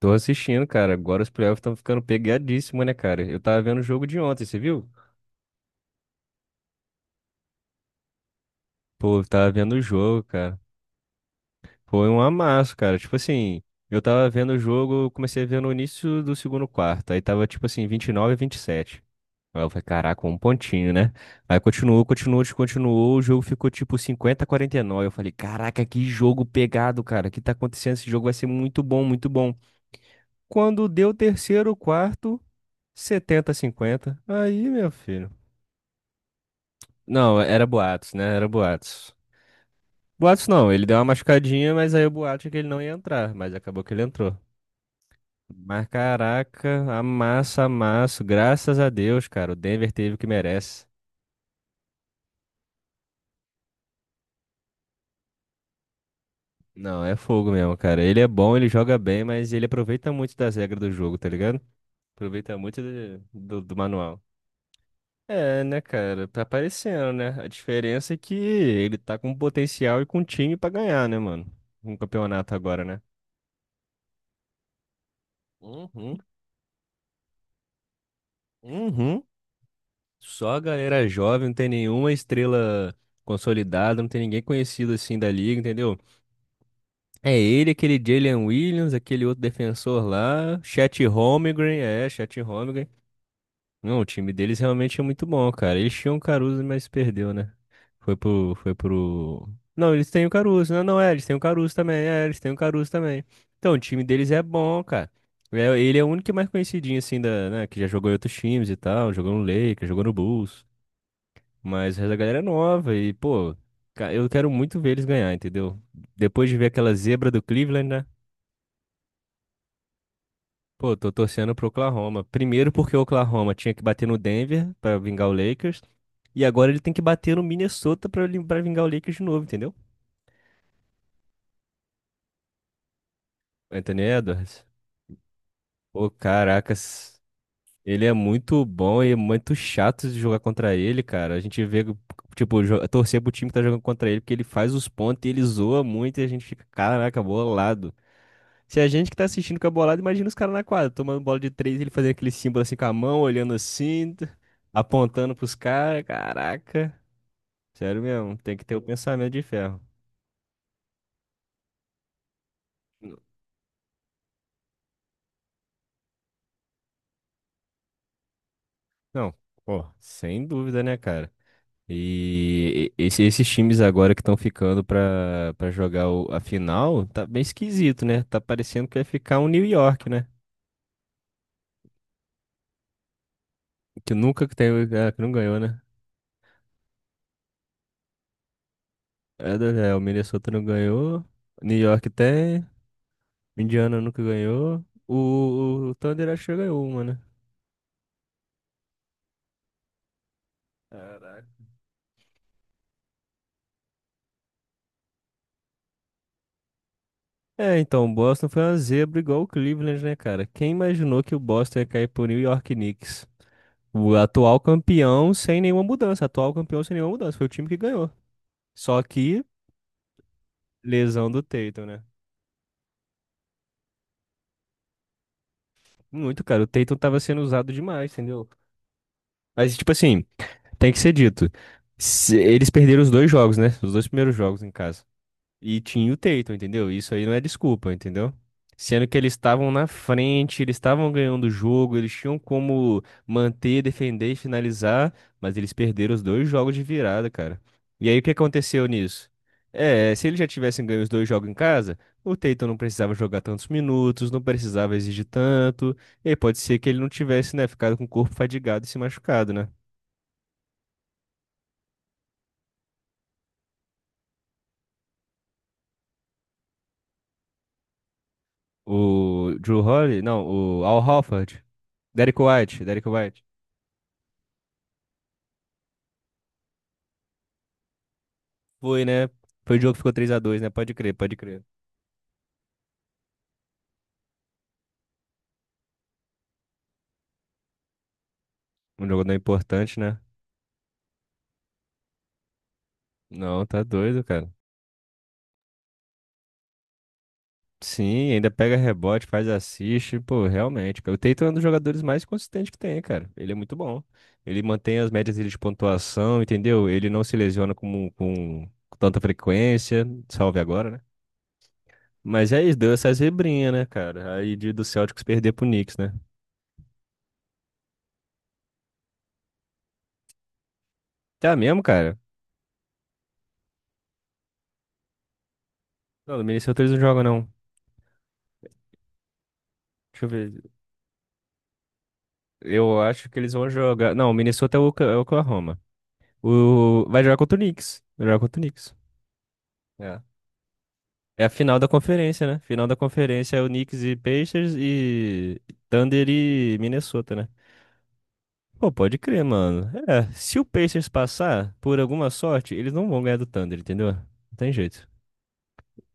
Tô assistindo, cara. Agora os playoffs estão ficando pegadíssimos, né, cara? Eu tava vendo o jogo de ontem, você viu? Pô, eu tava vendo o jogo, cara. Foi um amasso, cara. Tipo assim, eu tava vendo o jogo, eu comecei a ver no início do segundo quarto. Aí tava, tipo assim, 29, a 27. Aí eu falei, caraca, um pontinho, né? Aí continuou, continuou, continuou. O jogo ficou tipo 50 a 49. Eu falei, caraca, que jogo pegado, cara. O que tá acontecendo? Esse jogo vai ser muito bom, muito bom. Quando deu o terceiro quarto, 70 a 50. Aí, meu filho. Não, era boatos, né? Era boatos. Boatos não, ele deu uma machucadinha, mas aí o boato é que ele não ia entrar, mas acabou que ele entrou. Mas caraca, amassa, amasso. Graças a Deus, cara, o Denver teve o que merece. Não, é fogo mesmo, cara. Ele é bom, ele joga bem, mas ele aproveita muito das regras do jogo, tá ligado? Aproveita muito do manual. É, né, cara? Tá aparecendo, né? A diferença é que ele tá com potencial e com time pra ganhar, né, mano? Um campeonato agora, né? Uhum. Uhum. Só a galera jovem, não tem nenhuma estrela consolidada, não tem ninguém conhecido assim da liga, entendeu? É ele, aquele Jalen Williams, aquele outro defensor lá, Chet Holmgren, é, Chet Holmgren. Não, o time deles realmente é muito bom, cara. Eles tinham o Caruso, mas perdeu, né? Foi pro... Não, eles têm o Caruso, não, não é, eles têm o Caruso também, é, eles têm o Caruso também. Então, o time deles é bom, cara. É, ele é o único que é mais conhecidinho, assim, da, né, que já jogou em outros times e tal, jogou no Lakers, jogou no Bulls. Mas a galera é nova e, pô, eu quero muito ver eles ganhar, entendeu? Depois de ver aquela zebra do Cleveland, né? Pô, tô torcendo pro Oklahoma. Primeiro porque o Oklahoma tinha que bater no Denver pra vingar o Lakers. E agora ele tem que bater no Minnesota pra vingar o Lakers de novo, entendeu? Anthony Edwards. Pô, caracas. Ele é muito bom e é muito chato de jogar contra ele, cara. A gente vê, tipo, torcer pro time que tá jogando contra ele, porque ele faz os pontos e ele zoa muito e a gente fica, caraca, bolado. Se a gente que tá assistindo com a bolada, imagina os caras na quadra, tomando bola de três, ele fazendo aquele símbolo assim com a mão, olhando assim, apontando pros caras. Caraca, sério mesmo, tem que ter o pensamento de ferro. N- Não, pô, sem dúvida, né, cara? Esses times agora que estão ficando pra jogar a final, tá bem esquisito, né? Tá parecendo que vai ficar um New York, né? Que nunca que tem, que não ganhou, né? É, o Minnesota não ganhou, New York tem. Indiana nunca ganhou. O Thunder acho que já ganhou uma, né? Caraca. É, então, o Boston foi uma zebra igual o Cleveland, né, cara? Quem imaginou que o Boston ia cair pro New York Knicks? O atual campeão sem nenhuma mudança. Atual campeão sem nenhuma mudança. Foi o time que ganhou. Só que, lesão do Tatum, né? Muito, cara. O Tatum tava sendo usado demais, entendeu? Mas, tipo assim, tem que ser dito. Eles perderam os dois jogos, né? Os dois primeiros jogos em casa. E tinha o Tatum, entendeu? Isso aí não é desculpa, entendeu? Sendo que eles estavam na frente, eles estavam ganhando o jogo, eles tinham como manter, defender e finalizar, mas eles perderam os dois jogos de virada, cara. E aí o que aconteceu nisso? É, se eles já tivessem ganho os dois jogos em casa, o Tatum não precisava jogar tantos minutos, não precisava exigir tanto, e aí pode ser que ele não tivesse, né, ficado com o corpo fadigado e se machucado, né? O Drew Holiday, não, o Al Horford, Derrick White, Derrick White. Foi, né? Foi o jogo que ficou 3-2, né? Pode crer, pode crer. Um jogo não é importante, né? Não, tá doido, cara. Sim, ainda pega rebote, faz assist, pô, realmente, cara. O Tatum é um dos jogadores mais consistentes que tem, cara. Ele é muito bom. Ele mantém as médias dele de pontuação, entendeu? Ele não se lesiona com tanta frequência, salve agora, né? Mas é isso, deu essa zebrinha, né, cara? Aí do Celtics perder pro Knicks, né? Tá mesmo, cara? Não, no Minnesota eles não jogam, não. Deixa eu ver. Eu acho que eles vão jogar. Não, o Minnesota é o Oklahoma. O... Vai jogar contra o Knicks. Vai jogar contra o Knicks. É. É a final da conferência, né? Final da conferência é o Knicks e Pacers e Thunder e Minnesota, né? Pô, pode crer, mano. É, se o Pacers passar, por alguma sorte, eles não vão ganhar do Thunder, entendeu? Não tem jeito.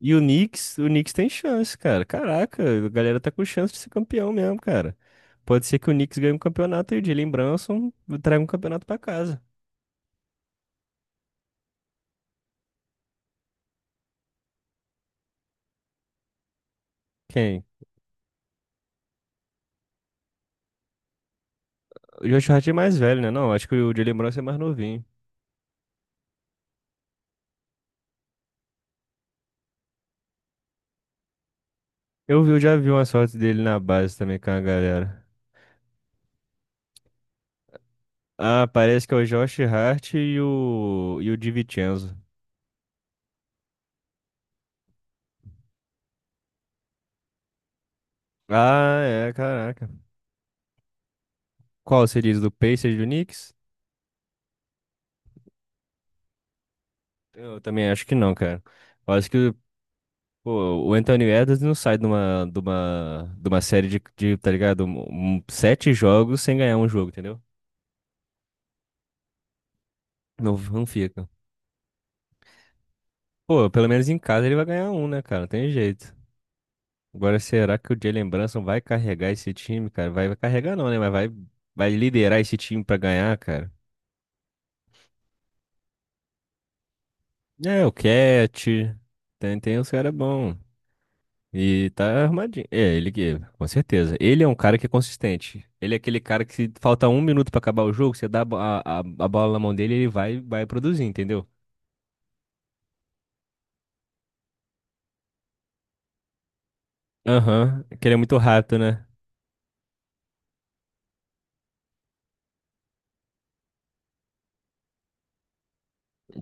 E o Knicks tem chance, cara. Caraca, a galera tá com chance de ser campeão mesmo, cara. Pode ser que o Knicks ganhe um campeonato e o Jalen Brunson traga um campeonato pra casa. Quem? O Josh Hart é mais velho, né? Não, acho que o Jalen Brunson é mais novinho. Eu já vi umas fotos dele na base também com a galera. Ah, parece que é o Josh Hart e o DiVincenzo. Ah, é, caraca. Qual você diz, do Pacers e do Knicks? Eu também acho que não, cara. Eu acho que pô, o Anthony Edwards não sai de uma série tá ligado? Sete jogos sem ganhar um jogo, entendeu? Não, não fica. Pô, pelo menos em casa ele vai ganhar um, né, cara? Não tem jeito. Agora, será que o Jalen Brunson vai carregar esse time, cara? Vai carregar não, né? Mas vai liderar esse time pra ganhar, cara. É, o Cat, tem uns caras bons. E tá armadinho. É, ele que, com certeza. Ele é um cara que é consistente. Ele é aquele cara que se falta um minuto pra acabar o jogo, você dá a, bo- a bola na mão dele, ele vai produzir, entendeu? Aham, que ele é muito rápido, né?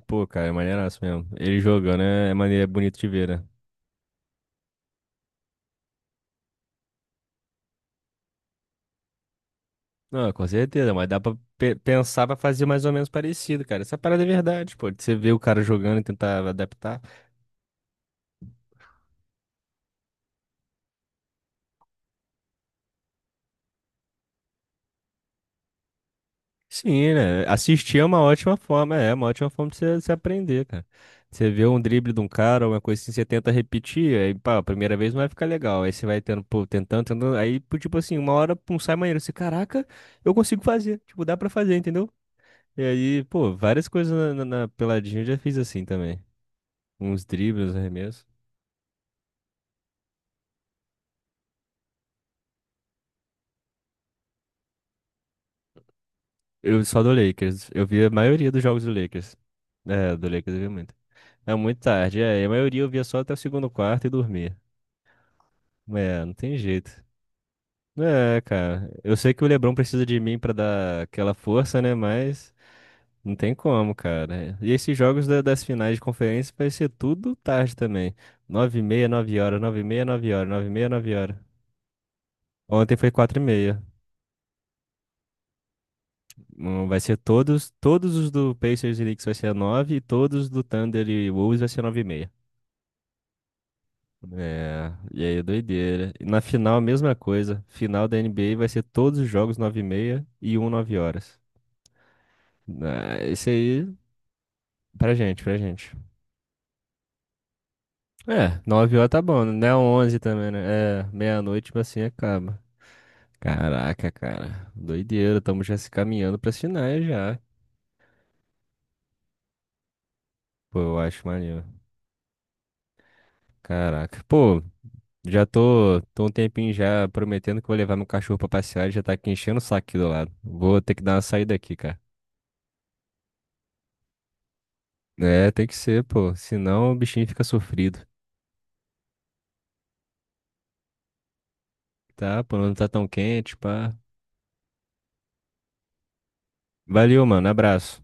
Pô, cara, é maneiraço mesmo. Ele jogando né é maneira é bonito de ver, né? Não, com certeza, mas dá pra pensar pra fazer mais ou menos parecido, cara. Essa parada é verdade, pô. De Você vê o cara jogando e tentar adaptar. Sim, né? Assistir é uma ótima forma, é uma ótima forma de você aprender, cara. Você vê um drible de um cara, uma coisa assim, você tenta repetir, aí, pá, a primeira vez não vai ficar legal. Aí você vai tendo, pô, tentando, tentando. Aí, pô, tipo assim, uma hora, pum, sai maneiro. Você, caraca, eu consigo fazer. Tipo, dá pra fazer, entendeu? E aí, pô, várias coisas na peladinha eu já fiz assim também. Uns dribles, uns arremessos. Eu só do Lakers. Eu vi a maioria dos jogos do Lakers. É, do Lakers eu vi muito. É muito tarde, é. E a maioria eu via só até o segundo quarto e dormia. É, não tem jeito. É, cara. Eu sei que o LeBron precisa de mim pra dar aquela força, né? Mas não tem como, cara. E esses jogos das finais de conferência vai ser tudo tarde também. 9h30, 9 horas, 9h30, nove horas, nove e meia, nove horas. Ontem foi 4h30. Vai ser todos, os do Pacers e Knicks vai ser nove e todos do Thunder e Wolves vai ser 9h30. É, e aí é doideira. E na final, a mesma coisa. Final da NBA vai ser todos os jogos 9h30 e um 9 horas. É, esse aí, pra gente, pra gente. É, 9 horas tá bom, né é 11 também, né? É, meia-noite, mas assim acaba. Caraca, cara. Doideira, estamos já se caminhando pras finais já. Pô, eu acho maneiro. Caraca. Pô, já tô um tempinho já prometendo que vou levar meu cachorro pra passear, ele já tá aqui enchendo o saco aqui do lado. Vou ter que dar uma saída aqui, cara. É, tem que ser, pô. Senão o bichinho fica sofrido. Tá? Pô, não tá tão quente, pá. Valeu, mano. Abraço.